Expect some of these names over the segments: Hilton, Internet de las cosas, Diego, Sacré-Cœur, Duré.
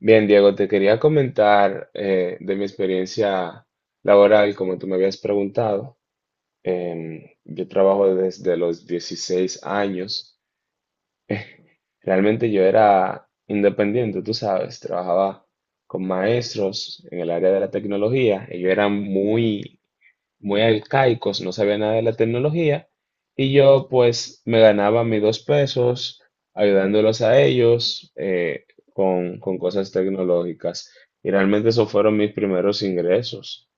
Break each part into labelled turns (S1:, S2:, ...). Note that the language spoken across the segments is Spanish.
S1: Bien, Diego, te quería comentar de mi experiencia laboral, como tú me habías preguntado. Yo trabajo desde los 16 años. Realmente yo era independiente, tú sabes, trabajaba con maestros en el área de la tecnología. Ellos eran muy muy arcaicos, no sabía nada de la tecnología, y yo pues me ganaba mis dos pesos ayudándolos a ellos con cosas tecnológicas. Y realmente esos fueron mis primeros ingresos.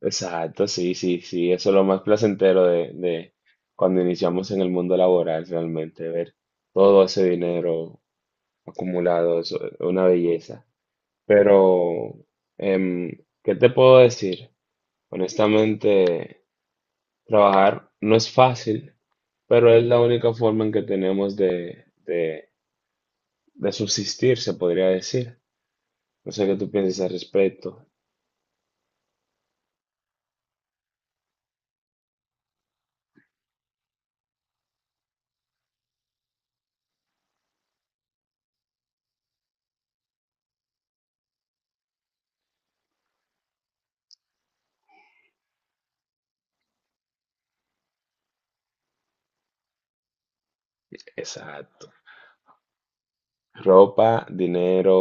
S1: Exacto, sí, sí, sí, eso es lo más placentero de cuando iniciamos en el mundo laboral, realmente, ver todo ese dinero acumulado, es una belleza. Pero, em, ¿qué te puedo decir? Honestamente, trabajar no es fácil, pero es la única forma en que tenemos de subsistir, se podría decir. No sé qué tú piensas al respecto. Exacto. Ropa, dinero,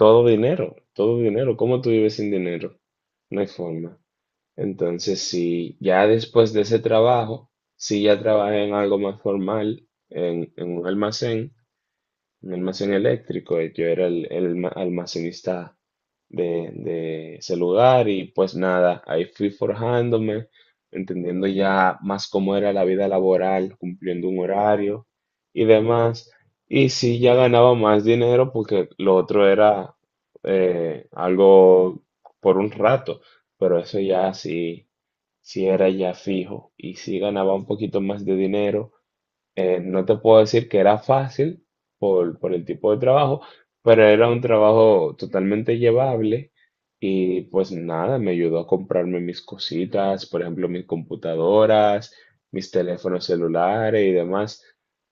S1: todo dinero, todo dinero. ¿Cómo tú vives sin dinero? No hay forma. Entonces, si ya después de ese trabajo, si ya trabajé en algo más formal, en un almacén eléctrico. Y yo era el almacenista de ese lugar y pues nada, ahí fui forjándome, entendiendo ya más cómo era la vida laboral, cumpliendo un horario y demás. Y sí, ya ganaba más dinero porque lo otro era algo por un rato, pero eso ya sí, sí era ya fijo y sí ganaba un poquito más de dinero, no te puedo decir que era fácil por el tipo de trabajo, pero era un trabajo totalmente llevable y pues nada, me ayudó a comprarme mis cositas, por ejemplo, mis computadoras, mis teléfonos celulares y demás.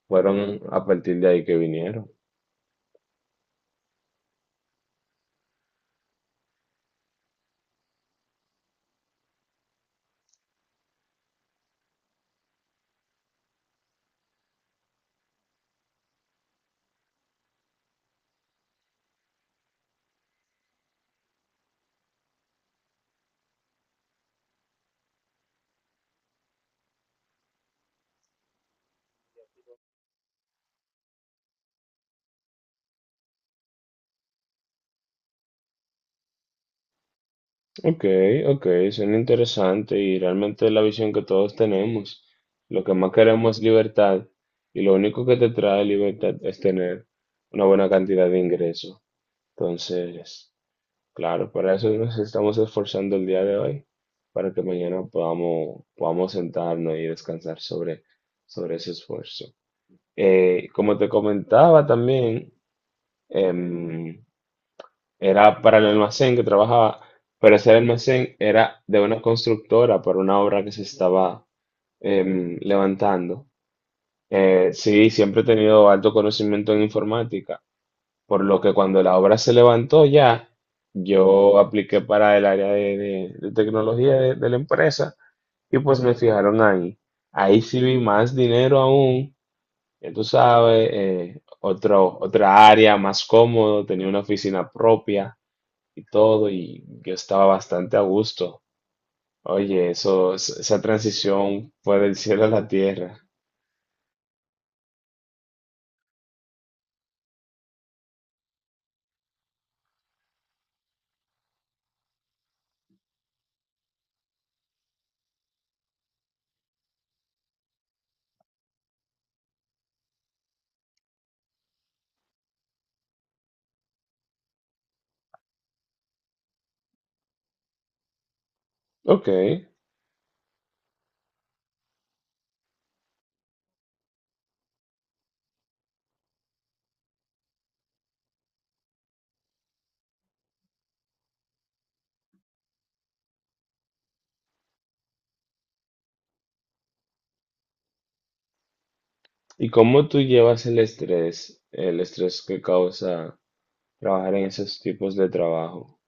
S1: Fueron a partir de ahí que vinieron. Ok, ok, suena interesante y realmente es la visión que todos tenemos. Lo que más queremos es libertad y lo único que te trae libertad es tener una buena cantidad de ingresos. Entonces, claro, para eso nos estamos esforzando el día de hoy, para que mañana podamos sentarnos y descansar sobre ese esfuerzo. Como te comentaba también, em, era para el almacén que trabajaba, pero ese almacén era de una constructora para una obra que se estaba levantando. Sí, siempre he tenido alto conocimiento en informática. Por lo que cuando la obra se levantó ya, yo apliqué para el área de tecnología de la empresa y pues me fijaron ahí. Ahí sí vi más dinero aún, ya tú sabes, otra área más cómodo, tenía una oficina propia y todo y yo estaba bastante a gusto. Oye, eso, esa transición fue del cielo a la tierra. Ok, ¿y cómo tú llevas el estrés que causa trabajar en esos tipos de trabajo?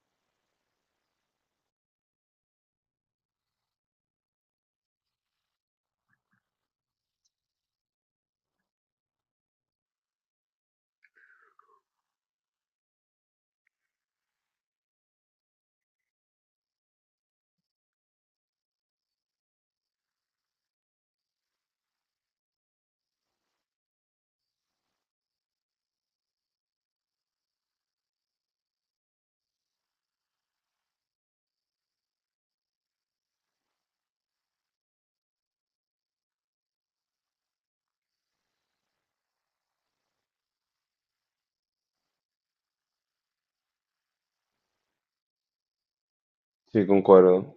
S1: Sí, concuerdo.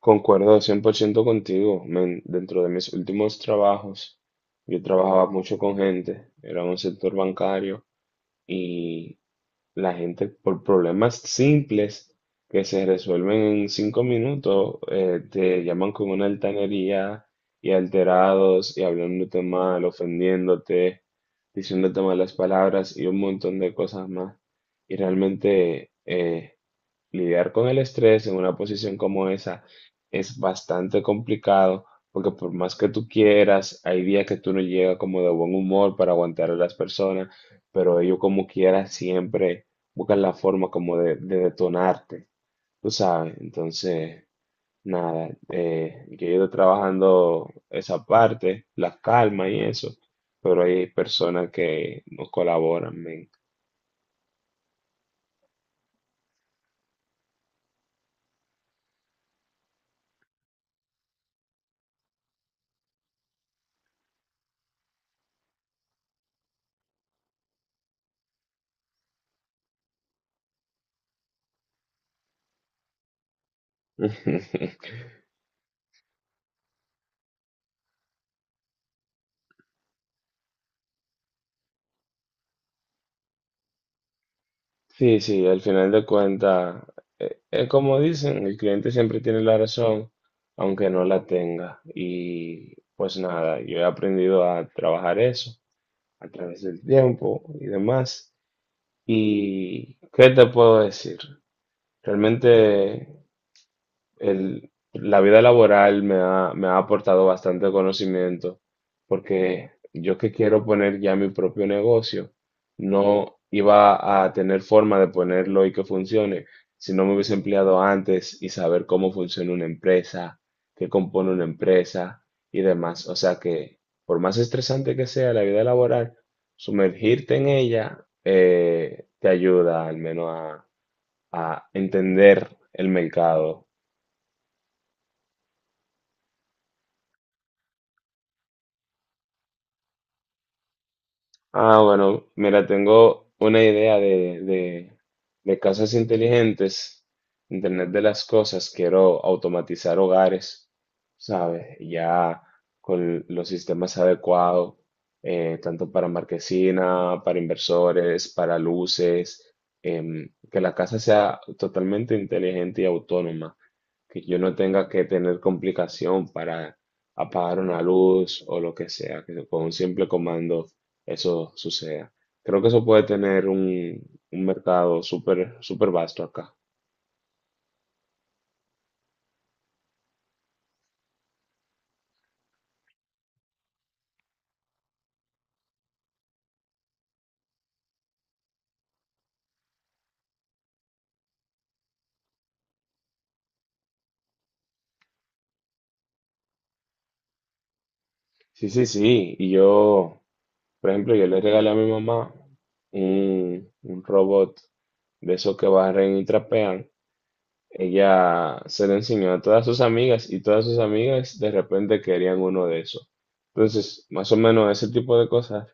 S1: Concuerdo 100% contigo, men. Dentro de mis últimos trabajos, yo trabajaba mucho con gente. Era un sector bancario y la gente, por problemas simples que se resuelven en cinco minutos, te llaman con una altanería y alterados y hablándote mal, ofendiéndote, diciéndote malas palabras y un montón de cosas más. Y realmente... lidiar con el estrés en una posición como esa es bastante complicado porque por más que tú quieras, hay días que tú no llegas como de buen humor para aguantar a las personas, pero ellos como quiera siempre buscan la forma como de detonarte, tú sabes. Entonces, nada, yo he ido trabajando esa parte, la calma y eso, pero hay personas que no colaboran, men. Sí, sí, al final de cuentas, como dicen, el cliente siempre tiene la razón, aunque no la tenga. Y pues nada, yo he aprendido a trabajar eso a través del tiempo y demás. ¿Y qué te puedo decir? Realmente la vida laboral me ha aportado bastante conocimiento, porque yo que quiero poner ya mi propio negocio, no iba a tener forma de ponerlo y que funcione si no me hubiese empleado antes y saber cómo funciona una empresa, qué compone una empresa y demás. O sea que, por más estresante que sea la vida laboral, sumergirte en ella te ayuda al menos a entender el mercado. Ah, bueno, mira, tengo una idea de casas inteligentes, Internet de las cosas, quiero automatizar hogares, ¿sabes? Ya con los sistemas adecuados, tanto para marquesina, para inversores, para luces, que la casa sea totalmente inteligente y autónoma, que yo no tenga que tener complicación para apagar una luz o lo que sea, que con un simple comando eso suceda. Creo que eso puede tener un mercado súper, súper vasto acá. Sí, sí, sí. Y yo, por ejemplo, yo le regalé a mi mamá un robot de esos que barren y trapean. Ella se lo enseñó a todas sus amigas y todas sus amigas de repente querían uno de esos. Entonces, más o menos ese tipo de cosas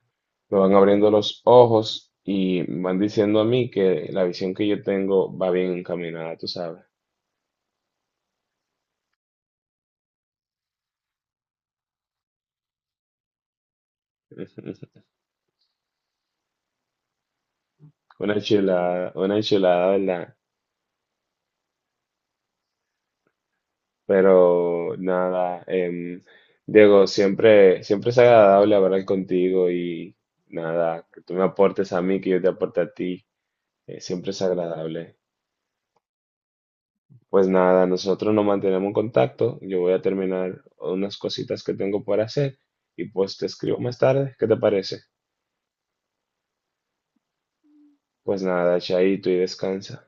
S1: me van abriendo los ojos y me van diciendo a mí que la visión que yo tengo va bien encaminada, tú sabes. Una chulada, ¿verdad? Pero nada, Diego, siempre, siempre es agradable hablar contigo y nada, que tú me aportes a mí, que yo te aporte a ti, siempre es agradable. Pues nada, nosotros nos mantenemos en contacto, yo voy a terminar unas cositas que tengo por hacer y pues te escribo más tarde, ¿qué te parece? Pues nada, chaito y descansa.